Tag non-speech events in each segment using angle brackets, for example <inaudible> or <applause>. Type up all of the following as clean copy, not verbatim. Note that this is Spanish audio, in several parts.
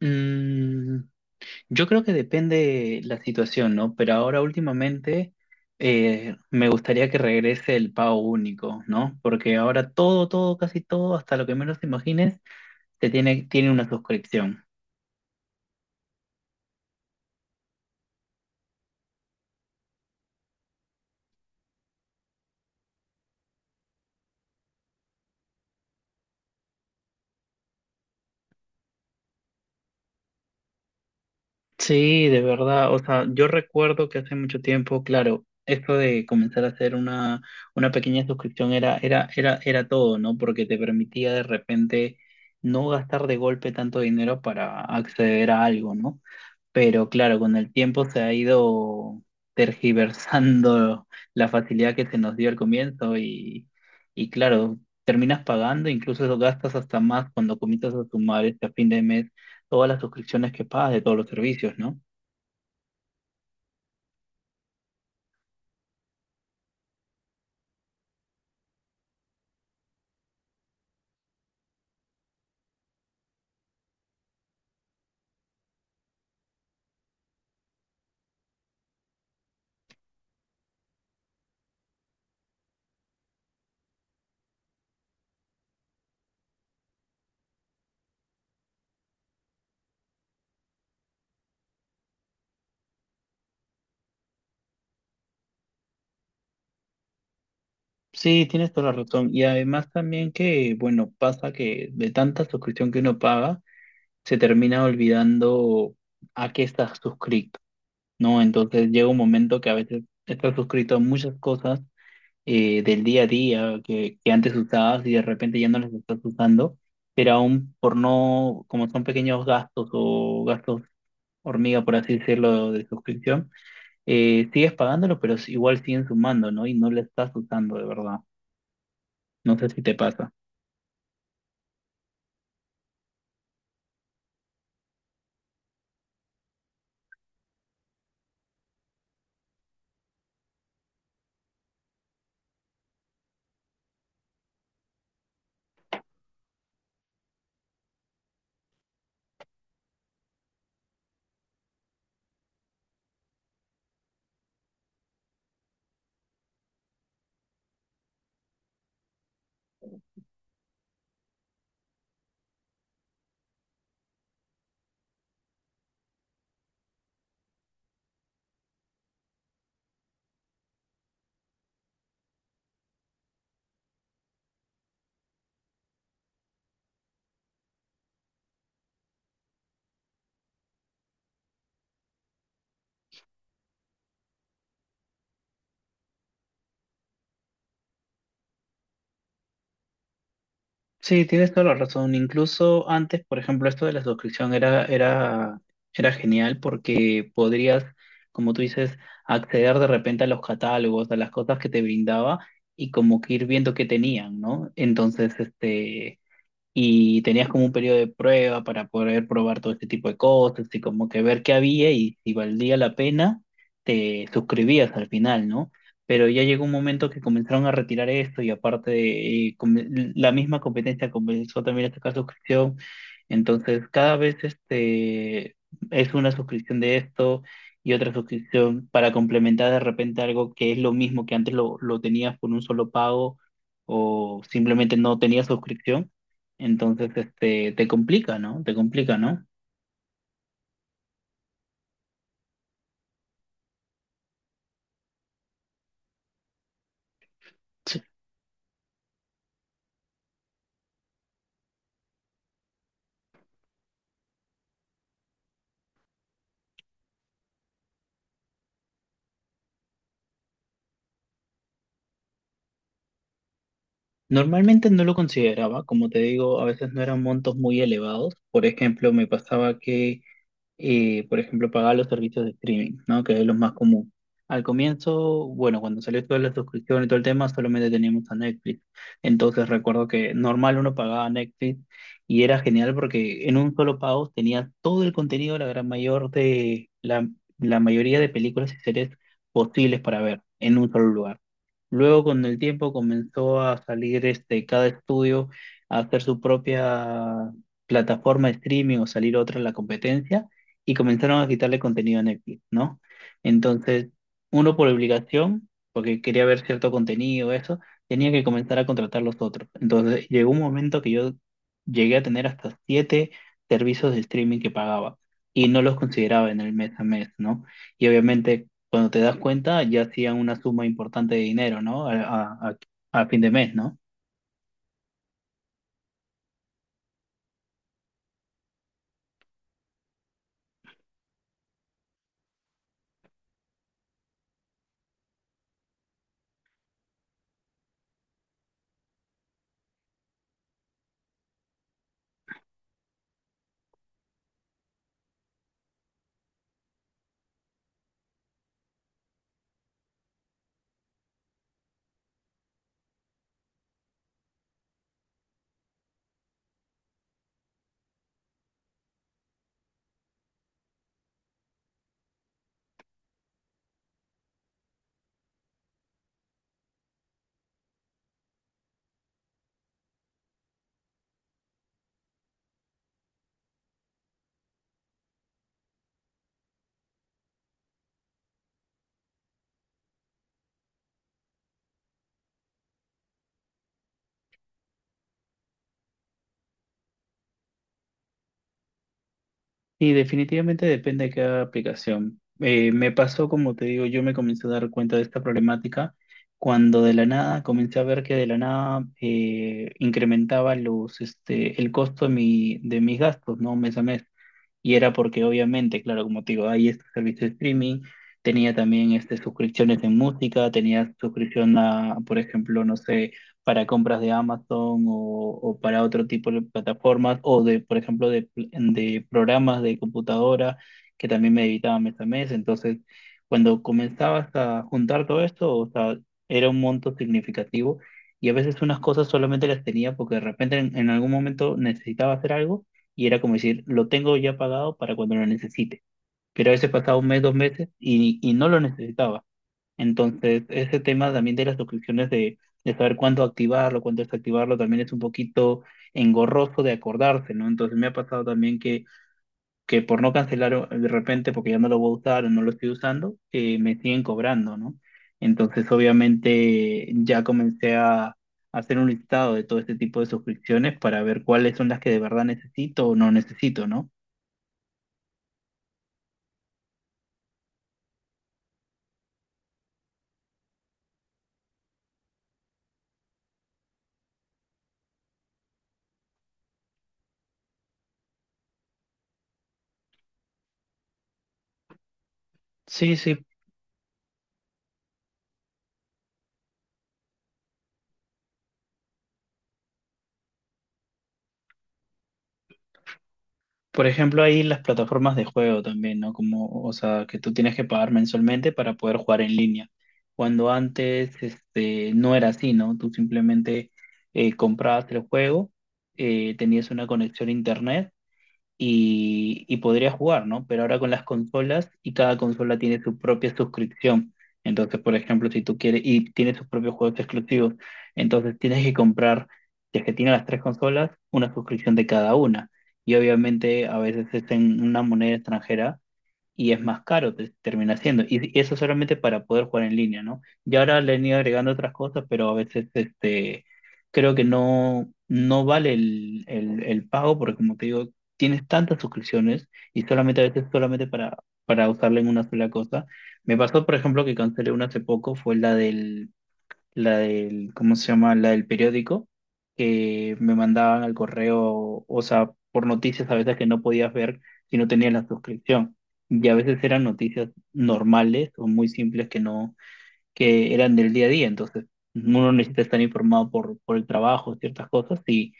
Mm, yo creo que depende la situación, ¿no? Pero ahora últimamente me gustaría que regrese el pago único, ¿no? Porque ahora todo, casi todo, hasta lo que menos te imagines, te tiene una suscripción. Sí, de verdad. O sea, yo recuerdo que hace mucho tiempo, claro, esto de comenzar a hacer una pequeña suscripción era todo, ¿no? Porque te permitía de repente no gastar de golpe tanto dinero para acceder a algo, ¿no? Pero claro, con el tiempo se ha ido tergiversando <laughs> la facilidad que se nos dio al comienzo y claro, terminas pagando, incluso eso gastas hasta más cuando comienzas a sumar a fin de mes todas las suscripciones que pagas de todos los servicios, ¿no? Sí, tienes toda la razón. Y además también que, bueno, pasa que de tanta suscripción que uno paga, se termina olvidando a qué estás suscrito, ¿no? Entonces llega un momento que a veces estás suscrito a muchas cosas del día a día que antes usabas y de repente ya no los estás usando, pero aún por no, como son pequeños gastos o gastos hormiga, por así decirlo, de suscripción, sigues pagándolo, pero igual siguen sumando, ¿no? Y no lo estás usando de verdad. No sé si te pasa. Sí, tienes toda la razón. Incluso antes, por ejemplo, esto de la suscripción era genial porque podrías, como tú dices, acceder de repente a los catálogos, a las cosas que te brindaba y como que ir viendo qué tenían, ¿no? Entonces, y tenías como un periodo de prueba para poder probar todo este tipo de cosas y como que ver qué había y si valía la pena, te suscribías al final, ¿no? Pero ya llegó un momento que comenzaron a retirar esto y aparte la misma competencia comenzó también a sacar suscripción. Entonces, cada vez es una suscripción de esto. Y otra suscripción para complementar de repente algo que es lo mismo que antes lo tenías por un solo pago o simplemente no tenías suscripción. Entonces, te complica, ¿no? Te complica, ¿no? Sí. Normalmente no lo consideraba, como te digo, a veces no eran montos muy elevados. Por ejemplo, me pasaba que por ejemplo, pagar los servicios de streaming, ¿no? Que es lo más común. Al comienzo, bueno, cuando salió toda la suscripción y todo el tema, solamente teníamos a Netflix. Entonces recuerdo que normal uno pagaba Netflix y era genial porque en un solo pago tenía todo el contenido, la gran mayor de la mayoría de películas y series posibles para ver en un solo lugar. Luego con el tiempo comenzó a salir cada estudio a hacer su propia plataforma de streaming o salir otra en la competencia y comenzaron a quitarle contenido a Netflix, ¿no? Entonces, uno por obligación, porque quería ver cierto contenido, eso, tenía que comenzar a contratar los otros. Entonces, llegó un momento que yo llegué a tener hasta siete servicios de streaming que pagaba y no los consideraba en el mes a mes, ¿no? Y obviamente, cuando te das cuenta, ya hacían una suma importante de dinero, ¿no? A fin de mes, ¿no? Y definitivamente depende de cada aplicación. Me pasó, como te digo, yo me comencé a dar cuenta de esta problemática cuando de la nada comencé a ver que de la nada incrementaba el costo de mis gastos, ¿no? Mes a mes. Y era porque obviamente, claro, como te digo, hay estos servicios de streaming, tenía también suscripciones en música, tenía suscripción a, por ejemplo, no sé, para compras de Amazon o para otro tipo de plataformas o de, por ejemplo, de programas de computadora que también me editaba mes a mes. Entonces, cuando comenzabas a juntar todo esto, o sea, era un monto significativo y a veces unas cosas solamente las tenía porque de repente en algún momento necesitaba hacer algo y era como decir, lo tengo ya pagado para cuando lo necesite. Pero a veces pasaba un mes, dos meses y no lo necesitaba. Entonces, ese tema también de las suscripciones, de saber cuándo activarlo, cuándo desactivarlo, también es un poquito engorroso de acordarse, ¿no? Entonces, me ha pasado también que por no cancelar de repente, porque ya no lo voy a usar o no lo estoy usando, me siguen cobrando, ¿no? Entonces, obviamente, ya comencé a hacer un listado de todo este tipo de suscripciones para ver cuáles son las que de verdad necesito o no necesito, ¿no? Sí, sí. Por ejemplo, ahí las plataformas de juego también, ¿no? Como, o sea, que tú tienes que pagar mensualmente para poder jugar en línea. Cuando antes, no era así, ¿no? Tú simplemente comprabas el juego, tenías una conexión a internet y podría jugar, ¿no? Pero ahora con las consolas y cada consola tiene su propia suscripción. Entonces, por ejemplo, si tú quieres, y tiene sus propios juegos exclusivos, entonces tienes que comprar, si es que tiene las tres consolas, una suscripción de cada una. Y obviamente a veces es en una moneda extranjera y es más caro, te termina siendo. Y eso solamente para poder jugar en línea, ¿no? Y ahora le han ido agregando otras cosas, pero a veces creo que no vale el pago, porque como te digo, tienes tantas suscripciones y solamente a veces solamente para usarla en una sola cosa. Me pasó, por ejemplo, que cancelé una hace poco, fue la del, ¿cómo se llama? La del periódico, que me mandaban al correo, o sea, por noticias a veces que no podías ver si no tenías la suscripción. Y a veces eran noticias normales o muy simples que no que eran del día a día, entonces uno necesita estar informado por el trabajo, ciertas cosas, y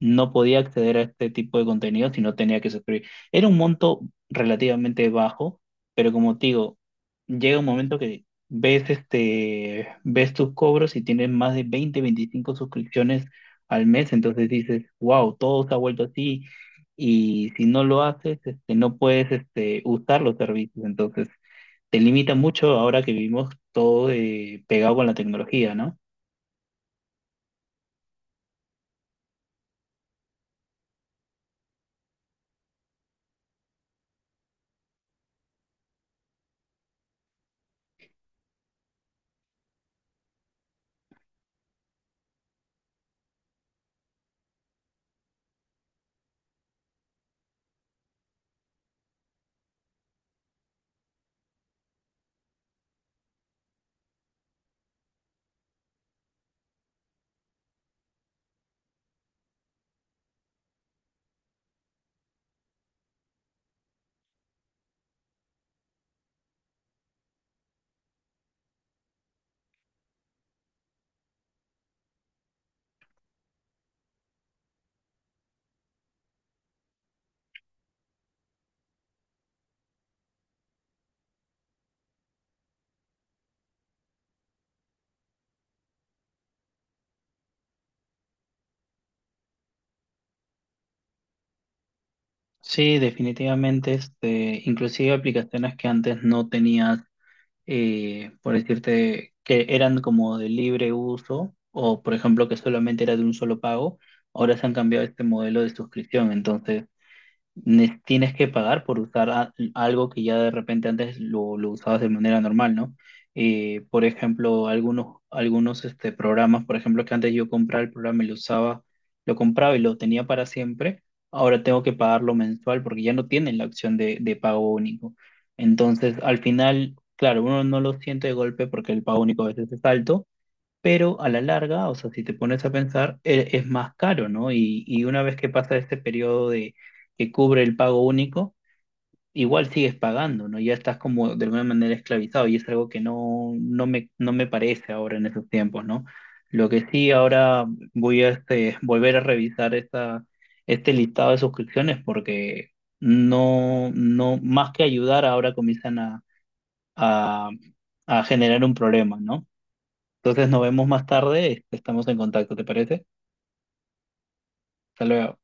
no podía acceder a este tipo de contenido si no tenía que suscribir. Era un monto relativamente bajo, pero como te digo, llega un momento que ves, ves tus cobros y tienes más de 20, 25 suscripciones al mes, entonces dices, wow, todo se ha vuelto así. Y si no lo haces, no puedes, usar los servicios. Entonces, te limita mucho ahora que vivimos todo pegado con la tecnología, ¿no? Sí, definitivamente, inclusive aplicaciones que antes no tenías, por decirte, que eran como de libre uso o, por ejemplo, que solamente era de un solo pago, ahora se han cambiado este modelo de suscripción. Entonces, tienes que pagar por usar algo que ya de repente antes lo usabas de manera normal, ¿no? Por ejemplo, algunos programas, por ejemplo, que antes yo compraba el programa y lo usaba, lo compraba y lo tenía para siempre, ahora tengo que pagarlo mensual porque ya no tienen la opción de pago único. Entonces, al final, claro, uno no lo siente de golpe porque el pago único a veces es alto, pero a la larga, o sea, si te pones a pensar, es más caro, ¿no? Y una vez que pasa este periodo de que cubre el pago único, igual sigues pagando, ¿no? Ya estás como de alguna manera esclavizado y es algo que no me parece ahora en esos tiempos, ¿no? Lo que sí ahora voy a volver a revisar este listado de suscripciones porque no, más que ayudar, ahora comienzan a, a generar un problema, ¿no? Entonces nos vemos más tarde, estamos en contacto, ¿te parece? Hasta luego.